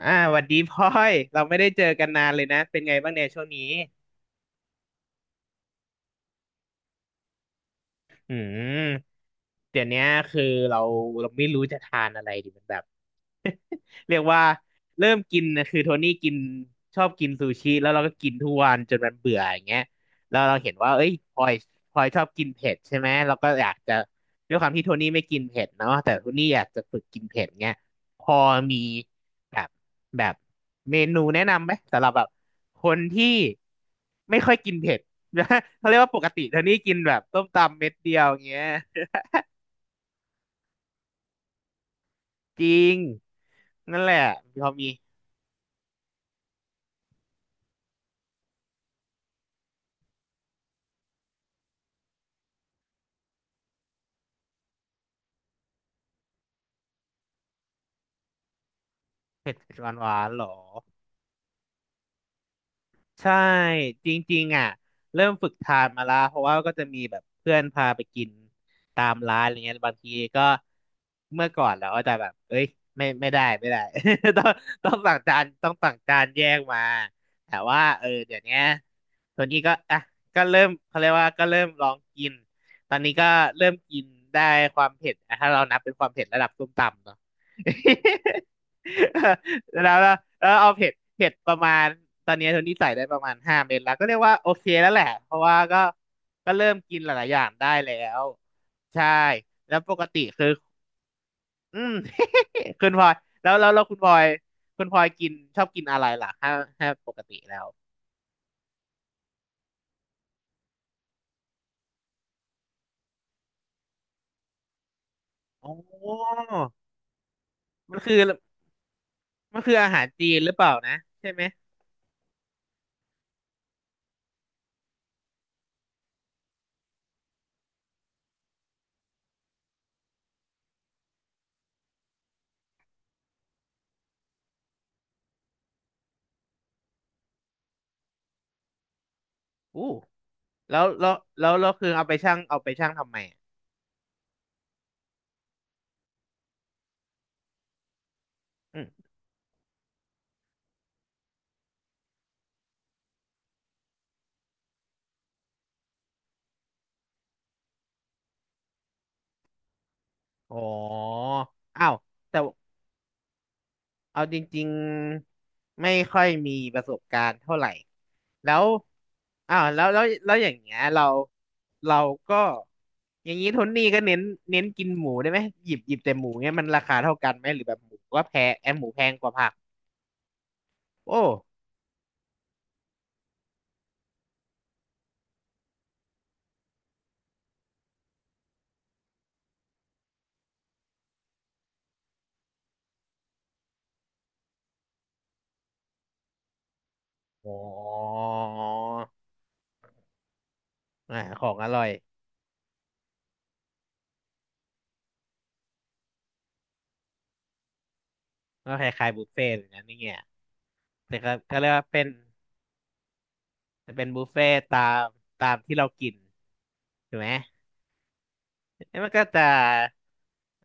หวัดดีพลอยเราไม่ได้เจอกันนานเลยนะ เป็นไงบ้างเนี่ยช่วงนี้ อืม เดี๋ยวเนี้ยคือเราเราไม่รู้จะทานอะไรดีมันแบบ เรียกว่าเริ่มกินนะคือโทนี่กินชอบกินซูชิแล้วเราก็กินทุกวันจนมันเบื่ออย่างเงี้ยแล้วเราเห็นว่าเอ้ยพลอยชอบกินเผ็ดใช่ไหมเราก็อยากจะด้วยความที่โทนี่ไม่กินเผ็ดเนาะแต่โทนี่อยากจะฝึกกินเผ็ดเงี้ยพอมีแบบแบบเมนูแนะนำไหมสำหรับแบบคนที่ไม่ค่อยกินเผ็ด เขาเรียกว่าปกติโทนี่กินแบบต้มตำเม็ดเดียวอย่างเงี้ยจริงนั่นแหละพอมีเผ็ดหวานหวานหรอ ใช่จริงๆอ่ะเริ่มฝึกทานมาละเพราะว่าก็จะมีแบบเพื่อนพาไปกินตามร้านอะไรเงี้ยบางทีก็เมื่อก่อนเราก็จะแบบเอ้ยไม่ได้ ต้องต้องสั่งจานต้องสั่งจานแยกมาแต่ว่าเออเดี๋ยวเนี้ยตัวนี้ก็อ่ะก็เริ่มเขาเรียกว่าก็เริ่มลองกินตอนนี้ก็เริ่มกินได้ความเผ็ดอ่ะถ้าเรานับเป็นความเผ็ดระดับส้มตำเนาะ แล้วแล้วแล้วเอาเผ็ดเผ็ดประมาณตอนนี้โทนี่ใส่ได้ประมาณห้าเม็ดแล้วก็เรียกว่าโอเคแล้วแหละเพราะว่าก็เริ่มกินหลายๆอย่างได้แล้วใช่แล้วปกติคืออืม คุณพลอยแล้วคุณพลอยกินชอบกินอะไรล่ะถ้าปกติแล้วอ๋อมันคือมันคืออาหารจีนหรือเปล่านะใช่ไหมอู้แล้วแล้วแล้วคือเอาไปชั่งทำไมอะม อ๋ออ้าวแต่เอาจริงๆไม่ค่อยมีประสบการณ์เท่าไหร่ แล้วอ้าว แล้วอย่างเงี้ยเราก็ อย่างนี้โทนนี่ก็เน้นกินหมูได้ไหมหยิบแต่หมูเงี้ยมันราคาเท่ากันไหมหรือแบบหมูก็แพงแอมหมูแพงกว่าผัก โอ้โหอ่าของอร่อยก็คล้ายๆบุฟเฟ่ต์เหมือนกันนี่เงี้ยแต่ก็เรียกว่าเป็นเป็นบุฟเฟ่ต์ตามตามที่เรากินถูกไหม แล้วมันก็จะ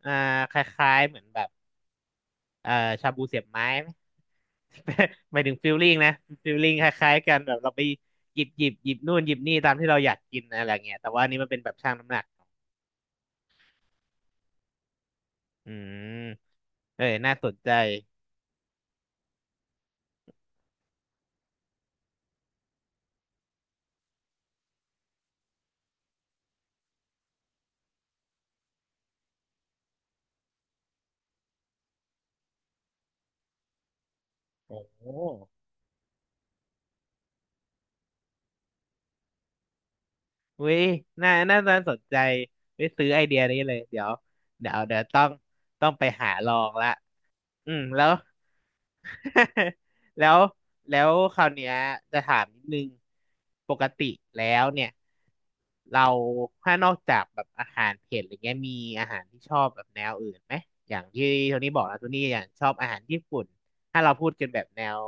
อ่าคล้ายๆเหมือนแบบเอ่อชาบูเสียบไม้ไหม หมายถึงฟิลลิ่งนะฟิลลิ่งคล้ายๆกันแบบเราไปหยิบนู่นหยิบนี่ตามที่เราอยากกินอะไรเงี้ยแต่ว่าอันนี้มันเป็นแบบชั่งน้ำหนักอืมเออน่าสนใจโอ้โหเว้ยน่าสนใจไปซื้อไอเดียนี้เลยเดี๋ยวต้องไปหาลองละอืมแล้ว แล้วแล้วคราวเนี้ยจะถามนิดนึงปกติแล้วเนี่ยเราถ้านอกจากแบบอาหารเผ็ดอะไรเงี้ยมีอาหารที่ชอบแบบแนวอื่นไหมอย่างที่โทนี่บอกนะโทนี่อย่างชอบอาหารญี่ปุ่นถ้าเราพูดกันแบบแนว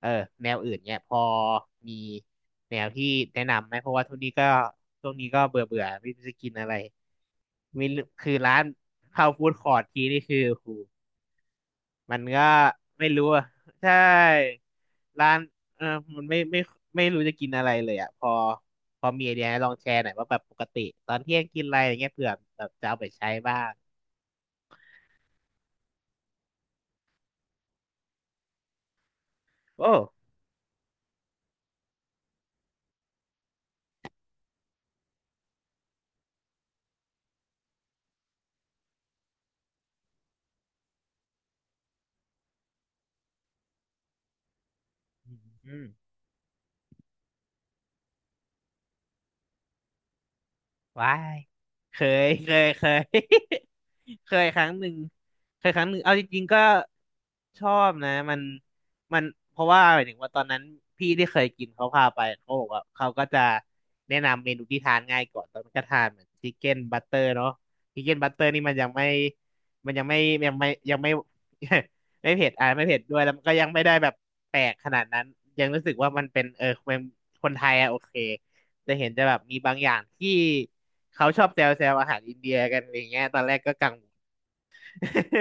เออแนวอื่นเนี่ยพอมีแนวที่แนะนำไหมเพราะว่าโทนี่ก็ช่วงนี้ก็เบื่อเบื่อไม่รู้จะกินอะไรมีคือร้านเข้าฟู้ดคอร์ททีนี่คือโอ้โห มันก็ไม่รู้อะใช่ร้านเออมันไม่รู้จะกินอะไรเลยอ่ะพอมีไอเดียให้ลองแชร์หน่อยว่าแบบปกติตอนเที่ยงกินอะไรอย่างเงี้ยเผื่อแบบจะเอาไปใช้บ้างโอ้อืม ว้ายเคย เคย เคยครั้งหนึ่งเคยครั้งหนึ่งเอาจริงๆก็ชอบนะมันเพราะว่าหมายถึงว่าตอนนั้นพี่ที่เคยกินเขาพาไปเขาบอกว่าเขาก็จะแนะนำเมนูที่ทานง่ายก่อนตอนนั้นก็ทานเหมือนชิคเก้นบัตเตอร์เนาะชิคเก้นบัตเตอร์นี่มันยังไม่มันยังไม่ยังไม่ ไม่เผ็ดอ่ะไม่เผ็ดด้วยแล้วมันก็ยังไม่ได้แบบแปลกขนาดนั้นยังรู้สึกว่ามันเป็นเออเป็นคนไทยอะโอเค จะเห็นจะแบบมีบางอย่างที่เขาชอบแซวอาหารอินเดียกันอย่างเงี้ยตอนแรกก็กังวล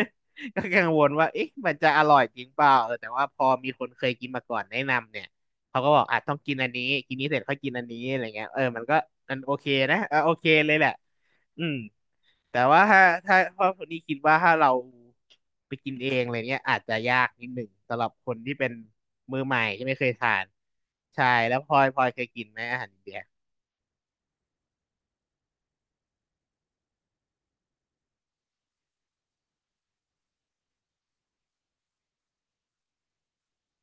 ก็กังวลว่าเอ๊ะมันจะอร่อยจริงเปล่าเออแต่ว่าพอมีคนเคยกินมาก่อนแนะนำเนี่ยเขาก็บอกอ่ะต้องกินอันนี้กินนี้เสร็จค่อยกินอันนี้อะไรเงี้ยเออมันก็มันโอเคนะเออโอเคเลยแหละอืมแต่ว่าถ้าพ่อคนนี้คิดว่าถ้าเราไปกินเองอะไรเนี้ยอาจจะยากนิดหนึ่งสำหรับคนที่เป็นมือใหม่ที่ไม่เคยทานใช่แล้วพลอยเคยกินไหมอาหารอินเดีย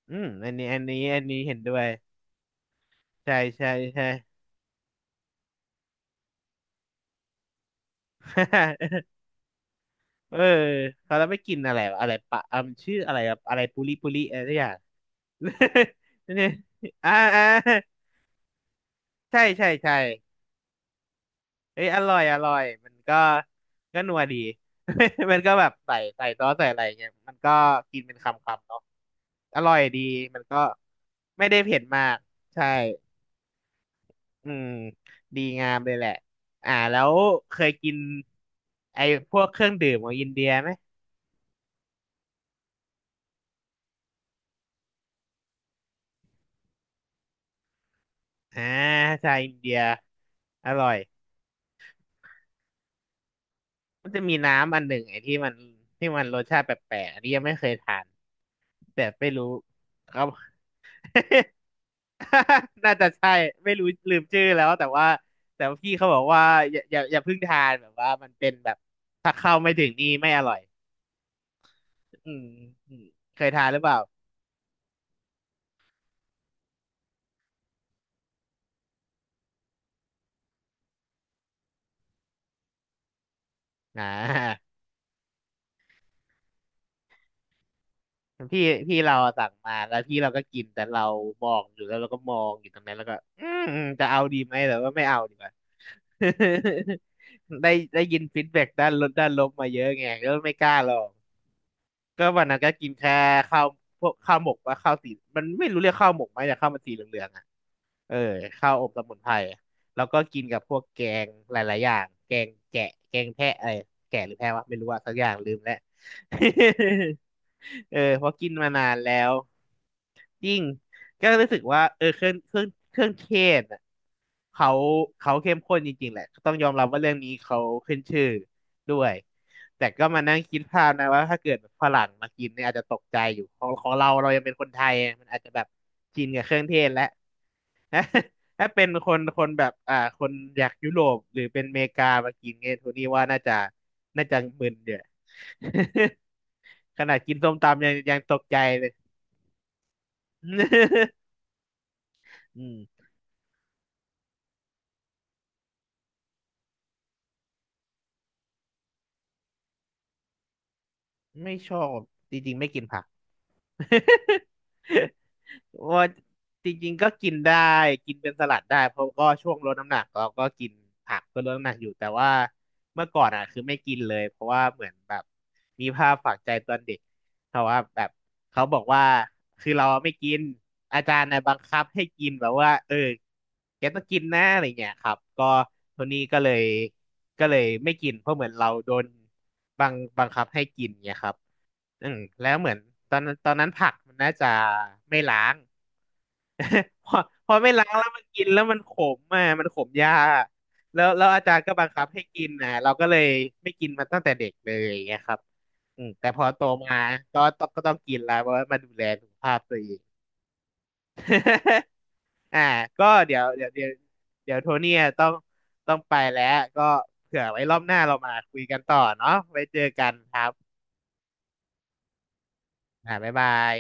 อืมอันนี้เห็นด้วยใช่ใช่ใช่ เออเขาแล้วไม่กินอะไรวะอะไรปะอ่ะมันชื่ออะไรอะไรปุริปุริอะไรสักอย่าง เนี่ยอ่าอ่าใช่ใช่ใช่เอ้ยอร่อยมันก็ก็นัวดี มันก็แบบใส่ซอสใส่อะไรเงี้ยมันก็กินเป็นคำๆเนาะอร่อยดีมันก็ไม่ได้เผ็ดมากใช่ อืมดีงามเลยแหละอ่าแล้วเคยกินไอ้พวกเครื่องดื่มของอินเดียไหมอ่าชาอินเดียอร่อยมันจะมีน้ำอันหนึ่งไอ้ที่มันที่มันรสชาติแปลกๆอันนี้ยังไม่เคยทานแต่ไม่รู้ครับ น่าจะใช่ไม่รู้ลืมชื่อแล้วแต่ว่าพี่เขาบอกว่าอย่าเพิ่งทานแบบว่ามันเป็นแบบถ้าเข้าไม่ถึงนี่ไม่อร่อยอืมอืมเคยทานหรือเปล่าอ่า พี่พี่เราอะสั่งมาแล้วพี่เราก็กินแต่เรามองอยู่แล้วเราก็มองอยู่ตรงนั้นแล้วก็จะเอาดีไหมแต่ว่าไม่เอาดีกว่า ได้ยินฟีดแบ็กด้านลบมาเยอะไงก็ไม่กล้าลองก็วันนั้นก็กินแค่ข้าวพวกข้าวหมกว่าข้าวสีมันไม่รู้เรียกข้าวหมกไหมแต่ข้าวมันสีเหลืองๆอะ เออข้าวอบสมุนไพรแล้วก็กินกับพวกแกงหลายๆอย่างแกงแกะแกงแพะอะไรแกะหรือแพะวะไม่รู้ว่าสักอย่างลืมแล้ว เออเพราะกินมานานแล้วยิ่งก็รู้สึกว่าเออเครื่องเครื่องเครื่องเทศอ่ะเขาเขาเข้มข้นจริงๆแหละก็ต้องยอมรับว่าเรื่องนี้เขาขึ้นชื่อด้วยแต่ก็มานั่งคิดภาพนะว่าถ้าเกิดฝรั่งมากินเนี่ยอาจจะตกใจอยู่ของเราเรายังเป็นคนไทยมันอาจจะแบบชินกับเครื่องเทศแล้ว ถ้า ถ้าเป็นคนคนแบบคนอยากยุโรปหรือเป็นอเมริกามากินเงี้ยโทนี่ว่าน่าจะมึนเยอะ ขนาดกินส้มตำยังตกใจเลย อืมไม่ชอบจริงๆไม่กินผัก ว่าจริงๆก็กินได้กินเป็นสลัดได้เพราะก็ช่วงลดน้ำหนักเราก็กินผักเพื่อลดน้ำหนักอยู่แต่ว่าเมื่อก่อนอ่ะคือไม่กินเลยเพราะว่าเหมือนแบบมีภาพฝังใจตอนเด็กเพราะว่าแบบเขาบอกว่าคือเราไม่กินอาจารย์นะบังคับให้กินแบบว่าเออแกต้องกินนะอะไรเงี้ยครับก็ทีนี้ก็เลยไม่กินเพราะเหมือนเราโดนบังบังคับให้กินเงี้ยครับ อืมแล้วเหมือนตอนนั้นผักมันน่าจะไม่ล้าง พอพอไม่ล้างแล้วมันกินแล้วมันขมอ่ะมันขมยากแล้วอาจารย์ก็บังคับให้กินนะเราก็เลยไม่กินมันตั้งแต่เด็กเลยอย่างเงี้ยครับอืมแต่พอโตมาก็ต้องกินแล้วเพราะว่ามาดูแลสุขภาพตัวเอง อ่าก็เดี๋ยวโทเนี่ยต้องไปแล้วก็เผื่อไว้รอบหน้าเรามาคุยกันต่อเนาะไว้เจอกันครับอ่าบ๊ายบาย